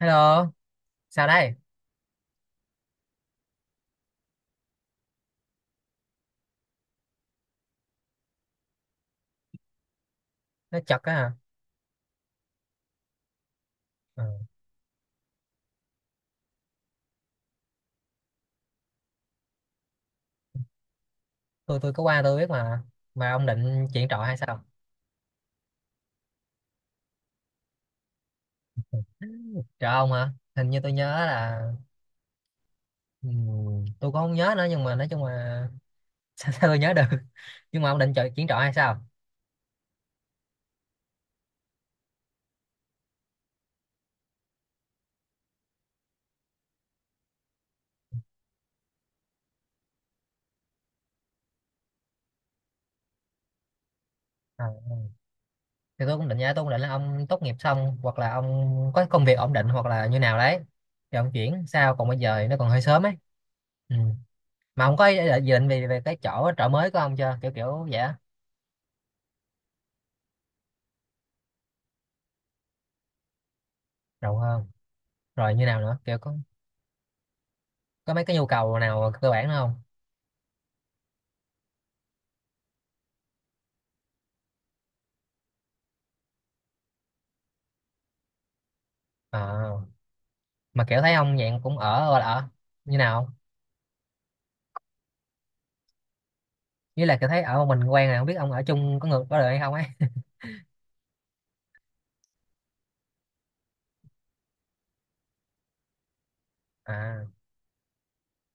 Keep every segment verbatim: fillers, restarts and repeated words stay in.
Hello, sao đây? Nó chật á hả? Ờ, Tôi tôi có qua tôi biết mà. Mà ông định chuyện trọ hay sao? Trọ ông hả? Hình như tôi nhớ là ừm, tôi cũng không nhớ nữa nhưng mà nói chung là sao, sao tôi nhớ được. Nhưng mà ông định chọn chuyện trọ hay sao? Ờ. Thì tôi cũng định vậy, tôi cũng định là ông tốt nghiệp xong hoặc là ông có công việc ổn định hoặc là như nào đấy. Thì ông chuyển sao còn bây giờ thì nó còn hơi sớm ấy. Ừ. Mà ông có ý định gì định về về cái chỗ trọ mới của ông chưa? Kiểu kiểu vậy á. Rộng hơn. Rồi như nào nữa? Kiểu có có mấy cái nhu cầu nào cơ bản nữa không? À, mà kiểu thấy ông dạng cũng ở gọi là ở như nào không? Với là kiểu thấy ở một mình quen này không biết ông ở chung có người có được hay không ấy. À,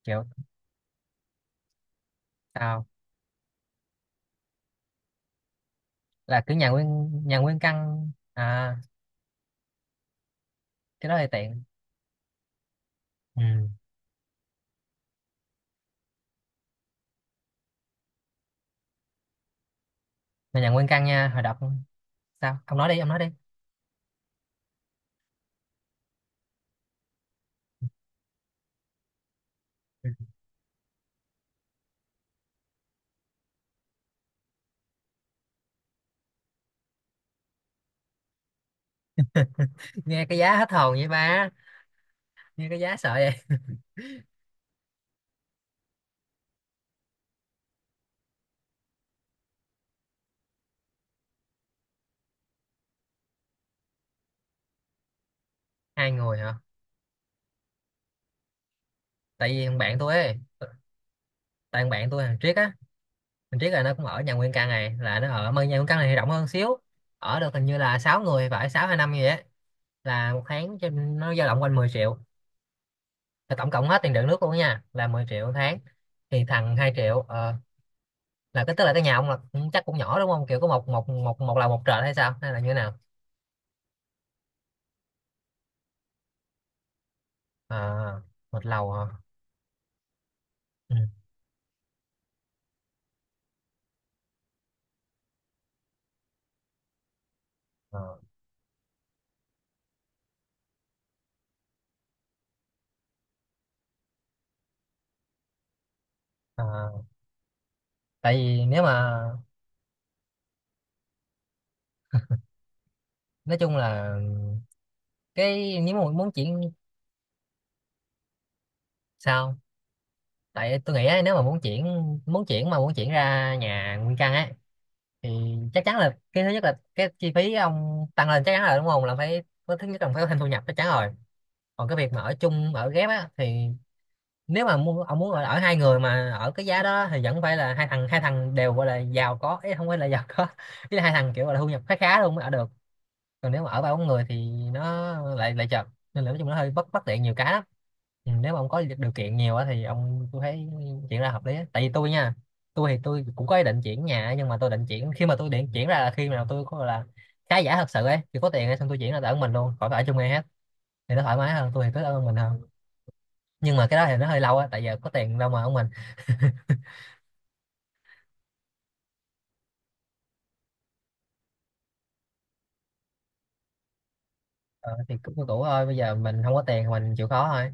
kiểu sao là cứ nhà nguyên nhà nguyên căn à? Cái đó thì tiện. Ừ. Mà nhà nguyên căn nha hồi đọc, sao ông nói đi ông nói đi. Ừ, nghe cái giá hết hồn vậy ba, nghe cái giá sợ vậy. Hai người hả? Tại vì thằng bạn tôi ấy, tại thằng bạn tôi thằng Triết á, mình biết là nó cũng ở nhà nguyên căn này là nó ở mà nhà nguyên căn này thì rộng hơn xíu, ở được hình như là sáu người phải sáu 6 hay năm gì á, là một tháng cho nó dao động quanh mười triệu, là tổng cộng hết tiền điện nước luôn á nha là mười triệu một tháng, thì thằng hai triệu. ờ, là cái tức là cái nhà ông là cũng chắc cũng nhỏ đúng không, kiểu có một một một một lầu một trệt hay sao hay là như thế nào? À, một lầu hả? Ừ. Ờ. Ờ. Tại vì nếu mà nói chung là cái nếu mà muốn chuyển, sao tại tôi nghĩ á, nếu mà muốn chuyển, muốn chuyển mà muốn chuyển ra nhà nguyên căn ấy thì chắc chắn là cái thứ nhất là cái chi phí ông tăng lên chắc chắn rồi đúng không, là phải có thứ nhất là phải có thêm thu nhập chắc chắn rồi. Còn cái việc mà ở chung ở ghép á thì nếu mà muốn ông muốn ở, ở hai người mà ở cái giá đó thì vẫn phải là hai thằng hai thằng đều gọi là giàu có, ý không phải là giàu có ý là hai thằng kiểu gọi là thu nhập khá khá luôn mới ở được. Còn nếu mà ở ba bốn người thì nó lại lại chật, nên là nói chung nó hơi bất bất tiện nhiều cái lắm. Ừ, nếu mà ông có điều kiện nhiều á thì ông tôi thấy chuyển ra hợp lý á. Tại vì tôi nha, tôi thì tôi cũng có ý định chuyển nhà á, nhưng mà tôi định chuyển khi mà tôi định chuyển ra là khi nào tôi có gọi là khá giả thật sự ấy thì có tiền ấy, xong tôi chuyển ra ở mình luôn khỏi phải ở chung ai hết, thì nó thoải mái hơn, tôi thì cứ ở một mình hơn. Nhưng mà cái đó thì nó hơi lâu á tại giờ có tiền đâu mà ở mình. ờ, thì cứ cũ thôi bây giờ mình không có tiền thì mình chịu khó thôi.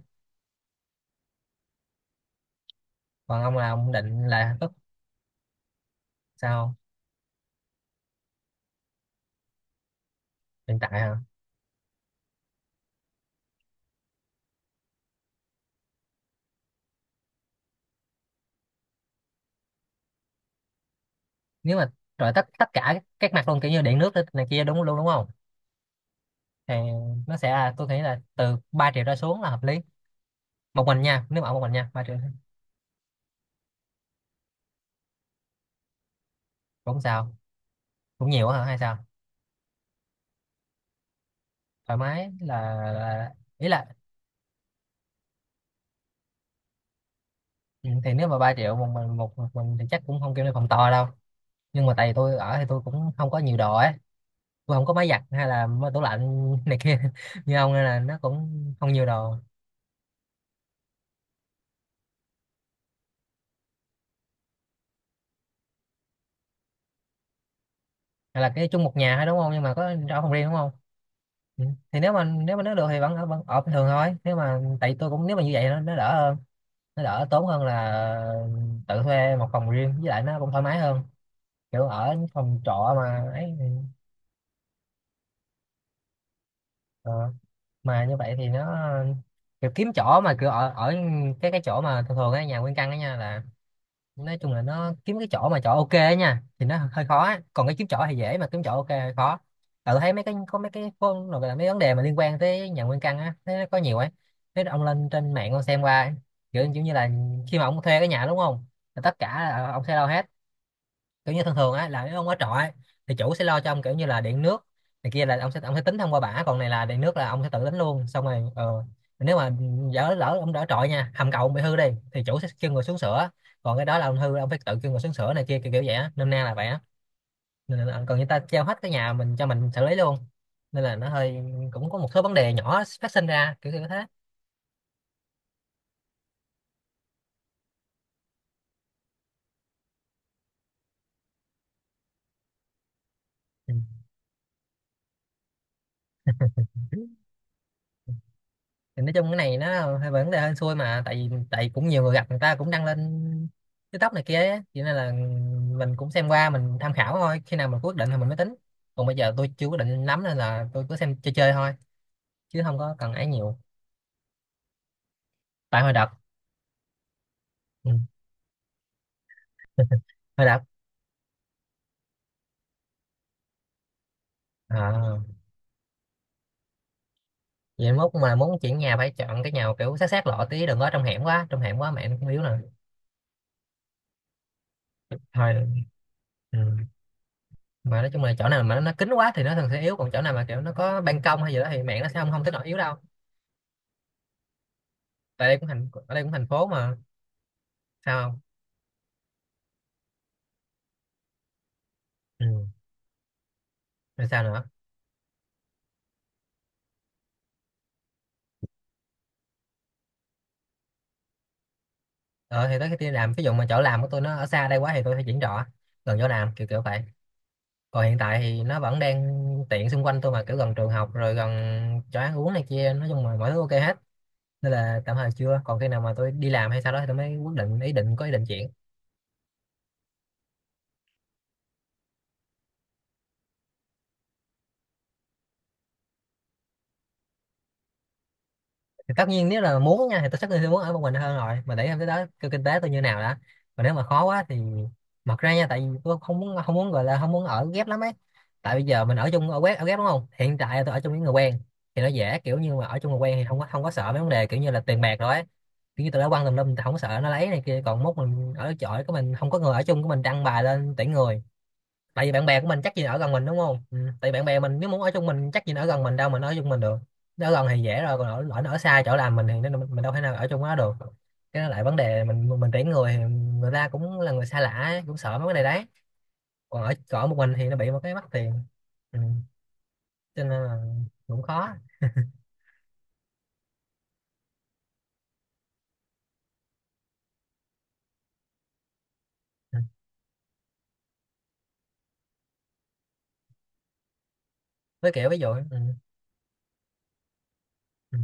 Còn ông là ông định là tức sao, hiện tại hả? Nếu mà rồi tất tất cả các mặt luôn kiểu như điện nước này kia đúng luôn đúng không, thì nó sẽ là tôi nghĩ là từ ba triệu ra xuống là hợp lý, một mình nha nếu mà ở một mình nha ba triệu. Cũng sao, cũng nhiều hả hay sao? Thoải mái là, là ý là ừ, thì nếu mà ba triệu một mình một, một mình thì chắc cũng không kêu lên phòng to đâu, nhưng mà tại vì tôi ở thì tôi cũng không có nhiều đồ ấy, tôi không có máy giặt hay là tủ lạnh này kia như ông nên là nó cũng không nhiều đồ. Hay là cái chung một nhà thôi đúng không nhưng mà có ở phòng riêng đúng không? Ừ. Thì nếu mà nếu mà nó được thì vẫn ở vẫn ở bình thường thôi nếu mà tại tôi cũng nếu mà như vậy nó, nó đỡ hơn. Nó đỡ tốn hơn là tự thuê một phòng riêng với lại nó cũng thoải mái hơn kiểu ở những phòng trọ mà ấy thì, ờ, mà như vậy thì nó kiểu kiếm chỗ mà kiểu ở ở cái cái chỗ mà thường thường á nhà nguyên căn á nha là nói chung là nó kiếm cái chỗ mà chỗ ok á nha thì nó hơi khó á. Còn cái kiếm chỗ thì dễ mà kiếm chỗ ok hơi khó. Tại tôi thấy mấy cái có mấy cái phone rồi là mấy vấn đề mà liên quan tới nhà nguyên căn á thấy nó có nhiều ấy. Thế ông lên trên mạng ông xem qua ấy, kiểu kiểu như là khi mà ông thuê cái nhà đúng không là tất cả là ông sẽ lo hết. Kiểu như thường thường á là nếu ông ở trọ ấy, thì chủ sẽ lo cho ông kiểu như là điện nước này kia là ông sẽ ông sẽ tính thông qua bả còn này là điện nước là ông sẽ tự tính luôn xong rồi ờ, nếu mà lỡ lỡ ông ở trọ nha hầm cầu ông bị hư đi thì chủ sẽ kêu người xuống sửa, còn cái đó là ông hư ông phải tự kêu người xuống sửa này kia kiểu kiểu vậy á nôm na là vậy á. Nên là, còn người ta treo hết cái nhà mình cho mình xử lý luôn nên là nó hơi cũng có một số vấn đề nhỏ phát sinh ra kiểu như thế. Ừ. Thì nói chung cái này nó hơi vấn đề hên xui mà tại vì tại vì cũng nhiều người gặp người ta cũng đăng lên TikTok này kia ấy. Cho nên là mình cũng xem qua mình tham khảo thôi khi nào mình quyết định thì mình mới tính, còn bây giờ tôi chưa quyết định lắm nên là tôi cứ xem chơi chơi thôi chứ không có cần ấy nhiều. Tại hồi đợt ừ, hồi đợt à, vậy mốt mà muốn chuyển nhà phải chọn cái nhà kiểu sát sát lộ tí đừng có trong hẻm quá trong hẻm quá mẹ nó cũng yếu nè. Thôi ừ. Mà nói chung là chỗ nào mà nó, nó kín quá thì nó thường sẽ yếu còn chỗ nào mà kiểu nó có ban công hay gì đó thì mẹ nó sẽ không không tới nỗi yếu đâu. Tại đây cũng thành ở đây cũng thành phố mà. Sao không? Ừ. Rồi sao nữa? Ờ thì tới khi đi làm ví dụ mà chỗ làm của tôi nó ở xa đây quá thì tôi phải chuyển trọ gần chỗ làm kiểu kiểu vậy. Còn hiện tại thì nó vẫn đang tiện xung quanh tôi mà kiểu gần trường học rồi gần chỗ ăn uống này kia nói chung là mọi thứ ok hết, nên là tạm thời chưa còn khi nào mà tôi đi làm hay sau đó thì tôi mới quyết định ý định có ý định chuyển. Thì tất nhiên nếu là muốn nha thì tôi chắc tôi sẽ muốn ở một mình hơn rồi mà để em tới đó kêu kinh tế tôi như nào đã. Còn nếu mà khó quá thì mặc ra nha tại vì tôi không muốn không muốn gọi là không muốn ở ghép lắm ấy. Tại bây giờ mình ở chung ở ghép ở ghép đúng không, hiện tại là tôi ở chung với người quen thì nó dễ kiểu như mà ở chung người quen thì không có không có sợ mấy vấn đề kiểu như là tiền bạc rồi ấy. Kiểu như tôi đã quăng tùm lum tôi không có sợ nó lấy này kia còn mốt mình ở chỗ của mình không có người ở chung của mình đăng bài lên tuyển người. Tại vì bạn bè của mình chắc gì ở gần mình đúng không? Ừ. Tại vì bạn bè mình nếu muốn ở chung mình chắc gì nó ở gần mình đâu mình ở chung mình được. Nó ở gần thì dễ rồi còn ở, ở, nó ở xa chỗ làm mình thì nó mình đâu thể nào ở chung nó được. Cái đó lại vấn đề mình mình tuyển người thì người ta cũng là người xa lạ ấy, cũng sợ mấy cái này đấy. Còn ở còn ở một mình thì nó bị một cái mắc tiền. Ừ. Cho nên là cũng khó. Ừ. Với kiểu ví dụ ừ. Ừ.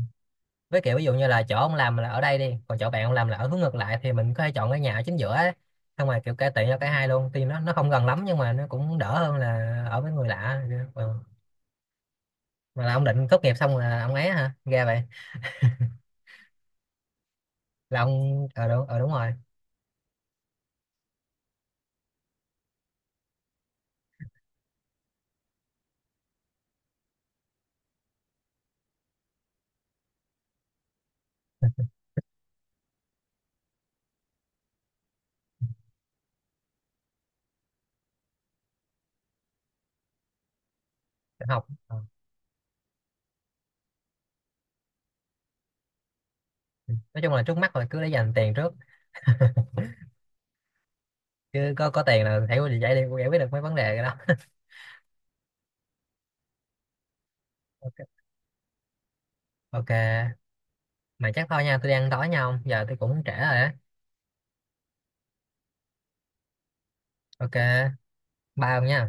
Với kiểu ví dụ như là chỗ ông làm là ở đây đi còn chỗ bạn ông làm là ở hướng ngược lại thì mình có thể chọn cái nhà ở chính giữa ấy. Xong rồi kiểu cải tiện cho cả hai luôn tuy nó nó không gần lắm nhưng mà nó cũng đỡ hơn là ở với người lạ. Ừ. Mà là ông định tốt nghiệp xong là ông ấy hả ra vậy? Là ông ờ đúng, ờ, đúng rồi định học. Ờ. Nói chung là trước mắt rồi cứ để dành tiền trước, cứ có có tiền là thấy giải đi giải quyết được mấy vấn đề rồi đó. Ok. Ok. Mà chắc thôi nha tôi đang đói nhau giờ tôi cũng trễ rồi á. Ok, bye ông nha.